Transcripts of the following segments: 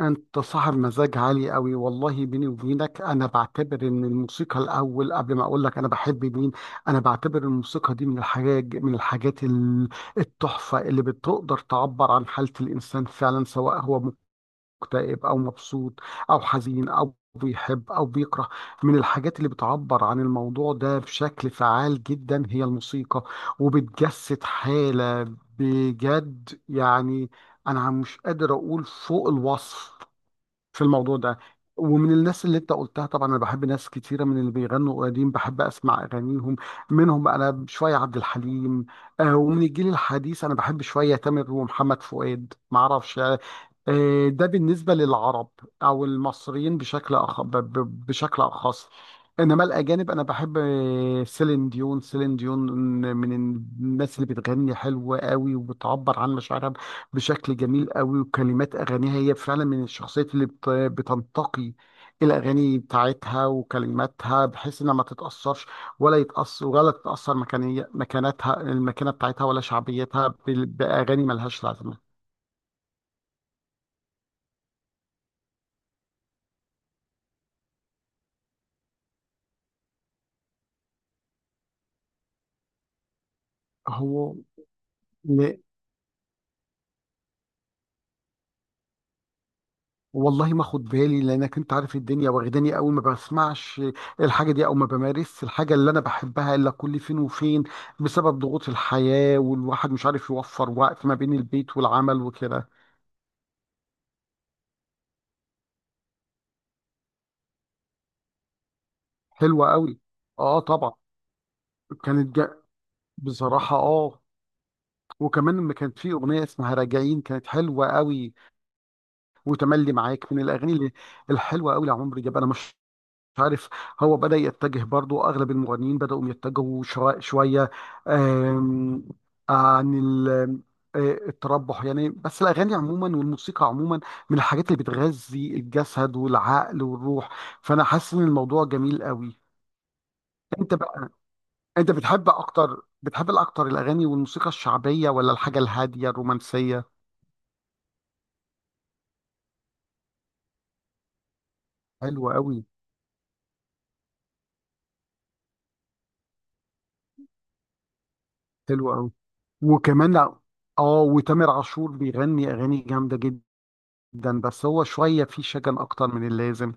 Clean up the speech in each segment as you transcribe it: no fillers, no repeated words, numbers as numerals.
انت صاحب مزاج عالي قوي. والله بيني وبينك، انا بعتبر ان الموسيقى الاول قبل ما اقول لك انا بحب مين. انا بعتبر الموسيقى دي من الحاجات التحفة اللي بتقدر تعبر عن حالة الانسان فعلا، سواء هو مكتئب او مبسوط او حزين او بيحب او بيكره. من الحاجات اللي بتعبر عن الموضوع ده بشكل فعال جدا هي الموسيقى، وبتجسد حالة، بجد يعني. انا مش قادر اقول فوق الوصف في الموضوع ده. ومن الناس اللي انت قلتها طبعا، انا بحب ناس كتيره من اللي بيغنوا قديم، بحب اسمع اغانيهم. منهم انا شويه عبد الحليم. ومن الجيل الحديث انا بحب شويه تامر ومحمد فؤاد ما اعرفش. ده بالنسبة للعرب أو المصريين، بشكل أخ... ب... ب- بشكل أخص. إنما الأجانب أنا بحب، سيلين ديون، من الناس اللي بتغني حلو قوي وبتعبر عن مشاعرها بشكل جميل قوي. وكلمات أغانيها، هي فعلا من الشخصيات اللي بتنتقي الأغاني بتاعتها وكلماتها، بحيث إنها ما تتأثرش، ولا تتأثر مكانية مكانتها المكانة بتاعتها ولا شعبيتها بأغاني ملهاش لازمة. هو والله ما خد بالي، لانك انت عارف الدنيا واخداني قوي، ما بسمعش الحاجه دي او ما بمارسش الحاجه اللي انا بحبها الا كل فين وفين، بسبب ضغوط الحياه والواحد مش عارف يوفر وقت ما بين البيت والعمل وكده. حلوه قوي. اه طبعا. كانت جا... بصراحه اه. وكمان لما كانت في اغنيه اسمها راجعين كانت حلوه قوي، وتملي معاك من الاغاني الحلوه قوي لعمرو دياب. انا مش عارف، هو بدأ يتجه، برضو أغلب المغنيين بدأوا يتجهوا شوية، آم، عن التربح يعني. بس الأغاني عموما والموسيقى عموما من الحاجات اللي بتغذي الجسد والعقل والروح، فأنا حاسس إن الموضوع جميل قوي. أنت بقى، أنت بتحب الأكتر الأغاني والموسيقى الشعبية ولا الحاجة الهادية الرومانسية؟ حلوة قوي. حلوة قوي. وكمان اه، وتامر عاشور بيغني أغاني جامدة جدا، ده بس هو شوية فيه شجن أكتر من اللازم.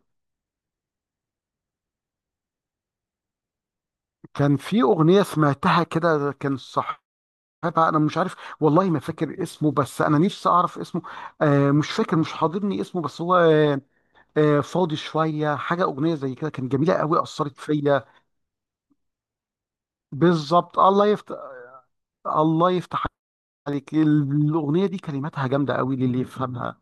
كان في أغنية سمعتها كده كان صاحبها، أنا مش عارف، والله ما فاكر اسمه بس أنا نفسي أعرف اسمه. مش فاكر، مش حاضرني اسمه، بس هو فاضي شوية، أغنية زي كده كانت جميلة قوي أثرت فيا. بالظبط، الله يفتح عليك. الأغنية دي كلماتها جامدة قوي للي يفهمها،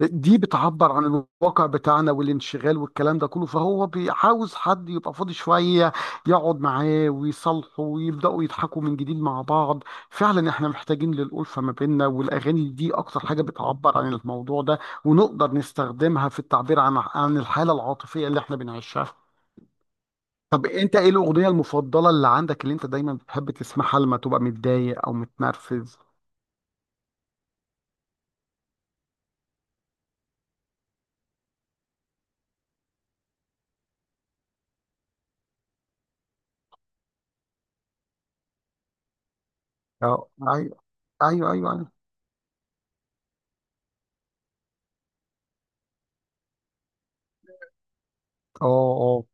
دي بتعبر عن الواقع بتاعنا والانشغال والكلام ده كله، فهو عاوز حد يبقى فاضي شوية، يقعد معاه ويصالحه ويبدأوا يضحكوا من جديد مع بعض. فعلا احنا محتاجين للألفة ما بيننا، والأغاني دي أكتر حاجة بتعبر عن الموضوع ده، ونقدر نستخدمها في التعبير عن الحالة العاطفية اللي احنا بنعيشها. طب انت ايه الأغنية المفضلة اللي عندك، اللي انت دايما بتحب تسمعها لما تبقى متضايق أو متنرفز؟ اه. ايوه، ايوه، ايوه، ايوه. اه، اه.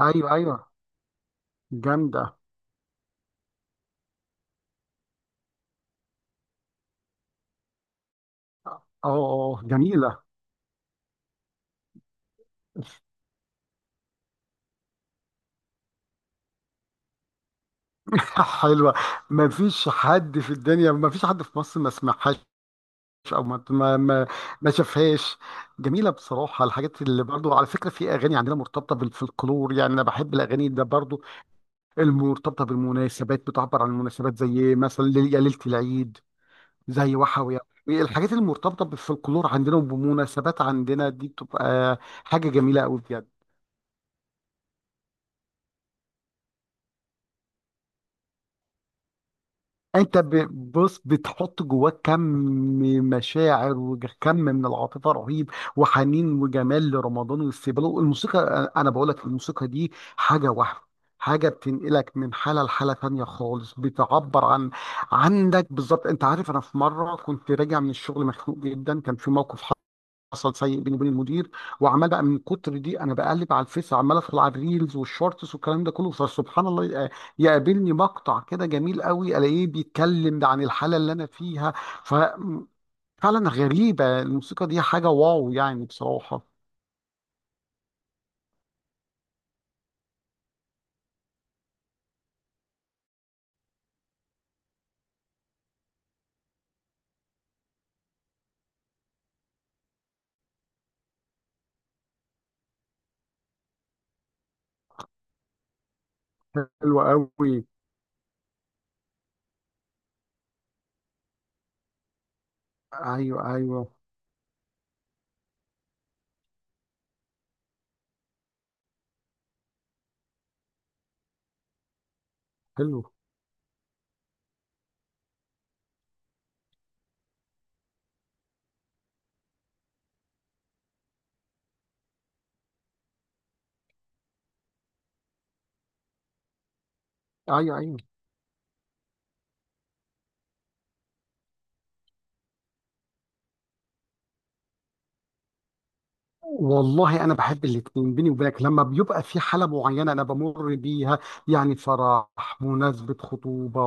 ايوه، ايوه. جامدة. اه، اه. اه. جميلة. حلوة. ما فيش حد في الدنيا، ما فيش حد في مصر ما سمعهاش او ما شافهاش. جميلة بصراحة. الحاجات اللي برضو، على فكرة، في اغاني عندنا مرتبطة بالفلكلور، يعني انا بحب الاغاني ده برضو، المرتبطة بالمناسبات، بتعبر عن المناسبات زي مثلا يا ليلة العيد، زي وحوي. الحاجات المرتبطة بالفلكلور عندنا وبمناسبات عندنا دي بتبقى حاجة جميلة قوي بجد. انت بص، بتحط جواك كم مشاعر وكم من العاطفه رهيب، وحنين وجمال لرمضان واستقباله. الموسيقى، انا بقول لك، الموسيقى دي حاجه واحده. بتنقلك من حاله لحاله تانية خالص، بتعبر عن عندك بالظبط. انت عارف، انا في مره كنت راجع من الشغل مخنوق جدا، كان في موقف حصل سيء بيني وبين المدير، وعمال بقى من كتر دي انا بقلب على الفيس، عمال ادخل على الريلز والشورتس والكلام ده كله، فسبحان الله يقابلني مقطع كده جميل قوي الاقيه بيتكلم عن الحاله اللي انا فيها. ف فعلا غريبه الموسيقى دي، حاجه واو يعني بصراحه. حلوه قوي. ايوه، ايوه. حلو. ايوه، ايوه. والله انا بحب الاتنين، بيني وبينك، لما بيبقى في حاله معينه انا بمر بيها، يعني فرح، مناسبه، خطوبه،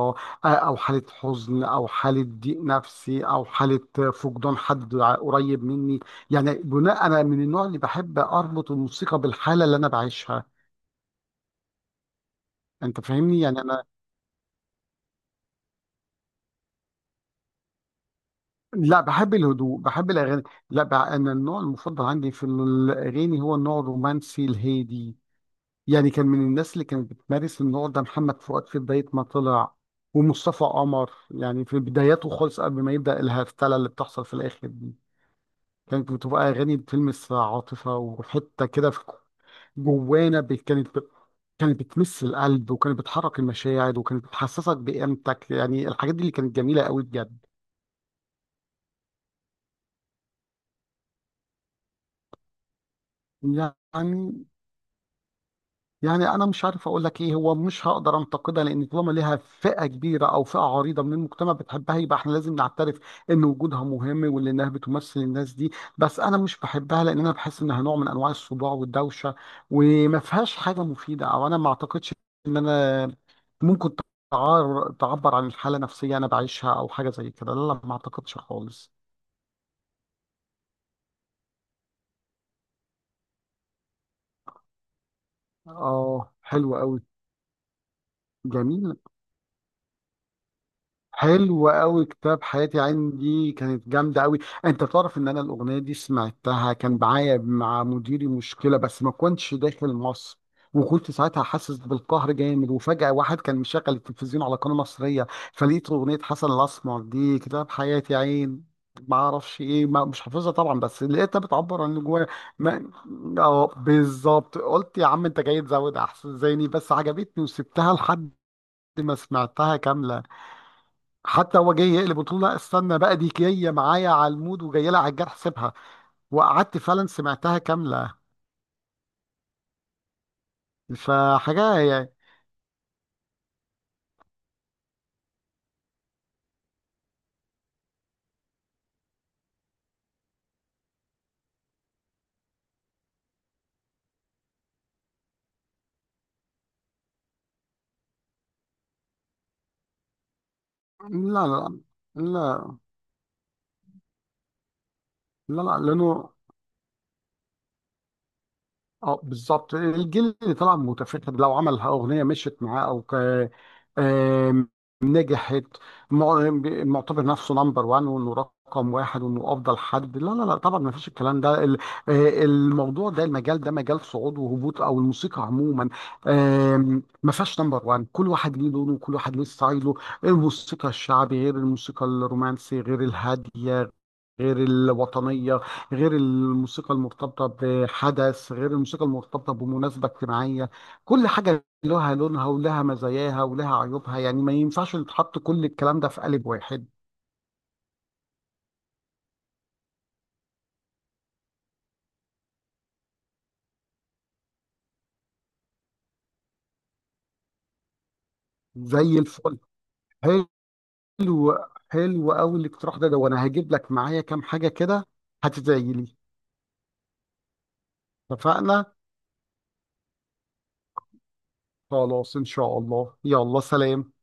او حاله حزن او حاله ضيق نفسي او حاله فقدان حد قريب مني، يعني بناء، انا من النوع اللي بحب اربط الموسيقى بالحاله اللي انا بعيشها. انت فاهمني يعني، انا لا، بحب الهدوء، بحب الاغاني. لا بقى، انا النوع المفضل عندي في الاغاني هو النوع الرومانسي الهادي، يعني كان من الناس اللي كانت بتمارس النوع ده محمد فؤاد في بداية ما طلع، ومصطفى قمر يعني في بداياته خالص قبل ما يبدأ الهفتلة اللي بتحصل في الآخر دي، كانت بتبقى أغاني بتلمس عاطفة وحتة كده في جوانا، كانت بتمس القلب وكانت بتحرك المشاعر وكانت بتحسسك بقيمتك، يعني الحاجات دي اللي كانت جميلة قوي بجد. يعني يعني انا مش عارف اقول لك ايه، هو مش هقدر انتقدها لان طالما ليها فئه كبيره او فئه عريضه من المجتمع بتحبها يبقى احنا لازم نعترف ان وجودها مهم وان انها بتمثل الناس دي، بس انا مش بحبها لان انا بحس انها نوع من انواع الصداع والدوشه، وما فيهاش حاجه مفيده، او انا ما اعتقدش ان انا ممكن تعبر عن الحاله النفسيه انا بعيشها او حاجه زي كده. لا لا ما اعتقدش خالص. اه، حلو قوي. جميل. حلو قوي. كتاب حياتي عين دي كانت جامده قوي. انت تعرف ان انا الاغنيه دي سمعتها كان معايا مع مديري مشكله بس ما كنتش داخل مصر، وكنت ساعتها حاسس بالقهر جامد، وفجأة واحد كان مشغل التلفزيون على قناة مصرية، فلقيت أغنية حسن الأسمر دي كتاب حياتي يا عين، ما اعرفش ايه، ما مش حافظها طبعا بس لقيتها بتعبر عن اللي جوايا. ما- اه بالظبط، قلت يا عم انت جاي تزود، احسن زيني، بس عجبتني وسبتها لحد ما سمعتها كاملة. حتى هو جاي يقلب، قلت له لا استنى بقى، دي جايه معايا على المود وجايه لها على الجرح، سيبها. وقعدت فعلا سمعتها كامله. فحاجه يعني. لا، لا، لا، لا، لا، لا لانه اه بالظبط، الجيل اللي طلع متفتت، لو عمل اغنيه مشيت معاه او ك... آم، نجحت، مع- معتبر نفسه نمبر وان وانه رقم واحد وانه افضل حد، لا لا لا طبعا، ما فيش الكلام ده الموضوع ده المجال ده مجال صعود وهبوط، او الموسيقى عموما ما فيهاش نمبر وان، كل واحد ليه لونه وكل واحد ليه ستايله. الموسيقى الشعبي غير الموسيقى الرومانسي غير الهاديه غير الوطنيه غير الموسيقى المرتبطة بحدث غير الموسيقى المرتبطة بمناسبة اجتماعية، كل حاجة لها لونها ولها مزاياها ولها عيوبها، يعني ما ينفعش يتحط كل الكلام ده في قالب واحد. زي الفل. حلو. حلو قوي الاقتراح ده، وانا هجيب لك معايا كام حاجة كده، هتدعي لي. اتفقنا. خلاص ان شاء الله، يلا سلام.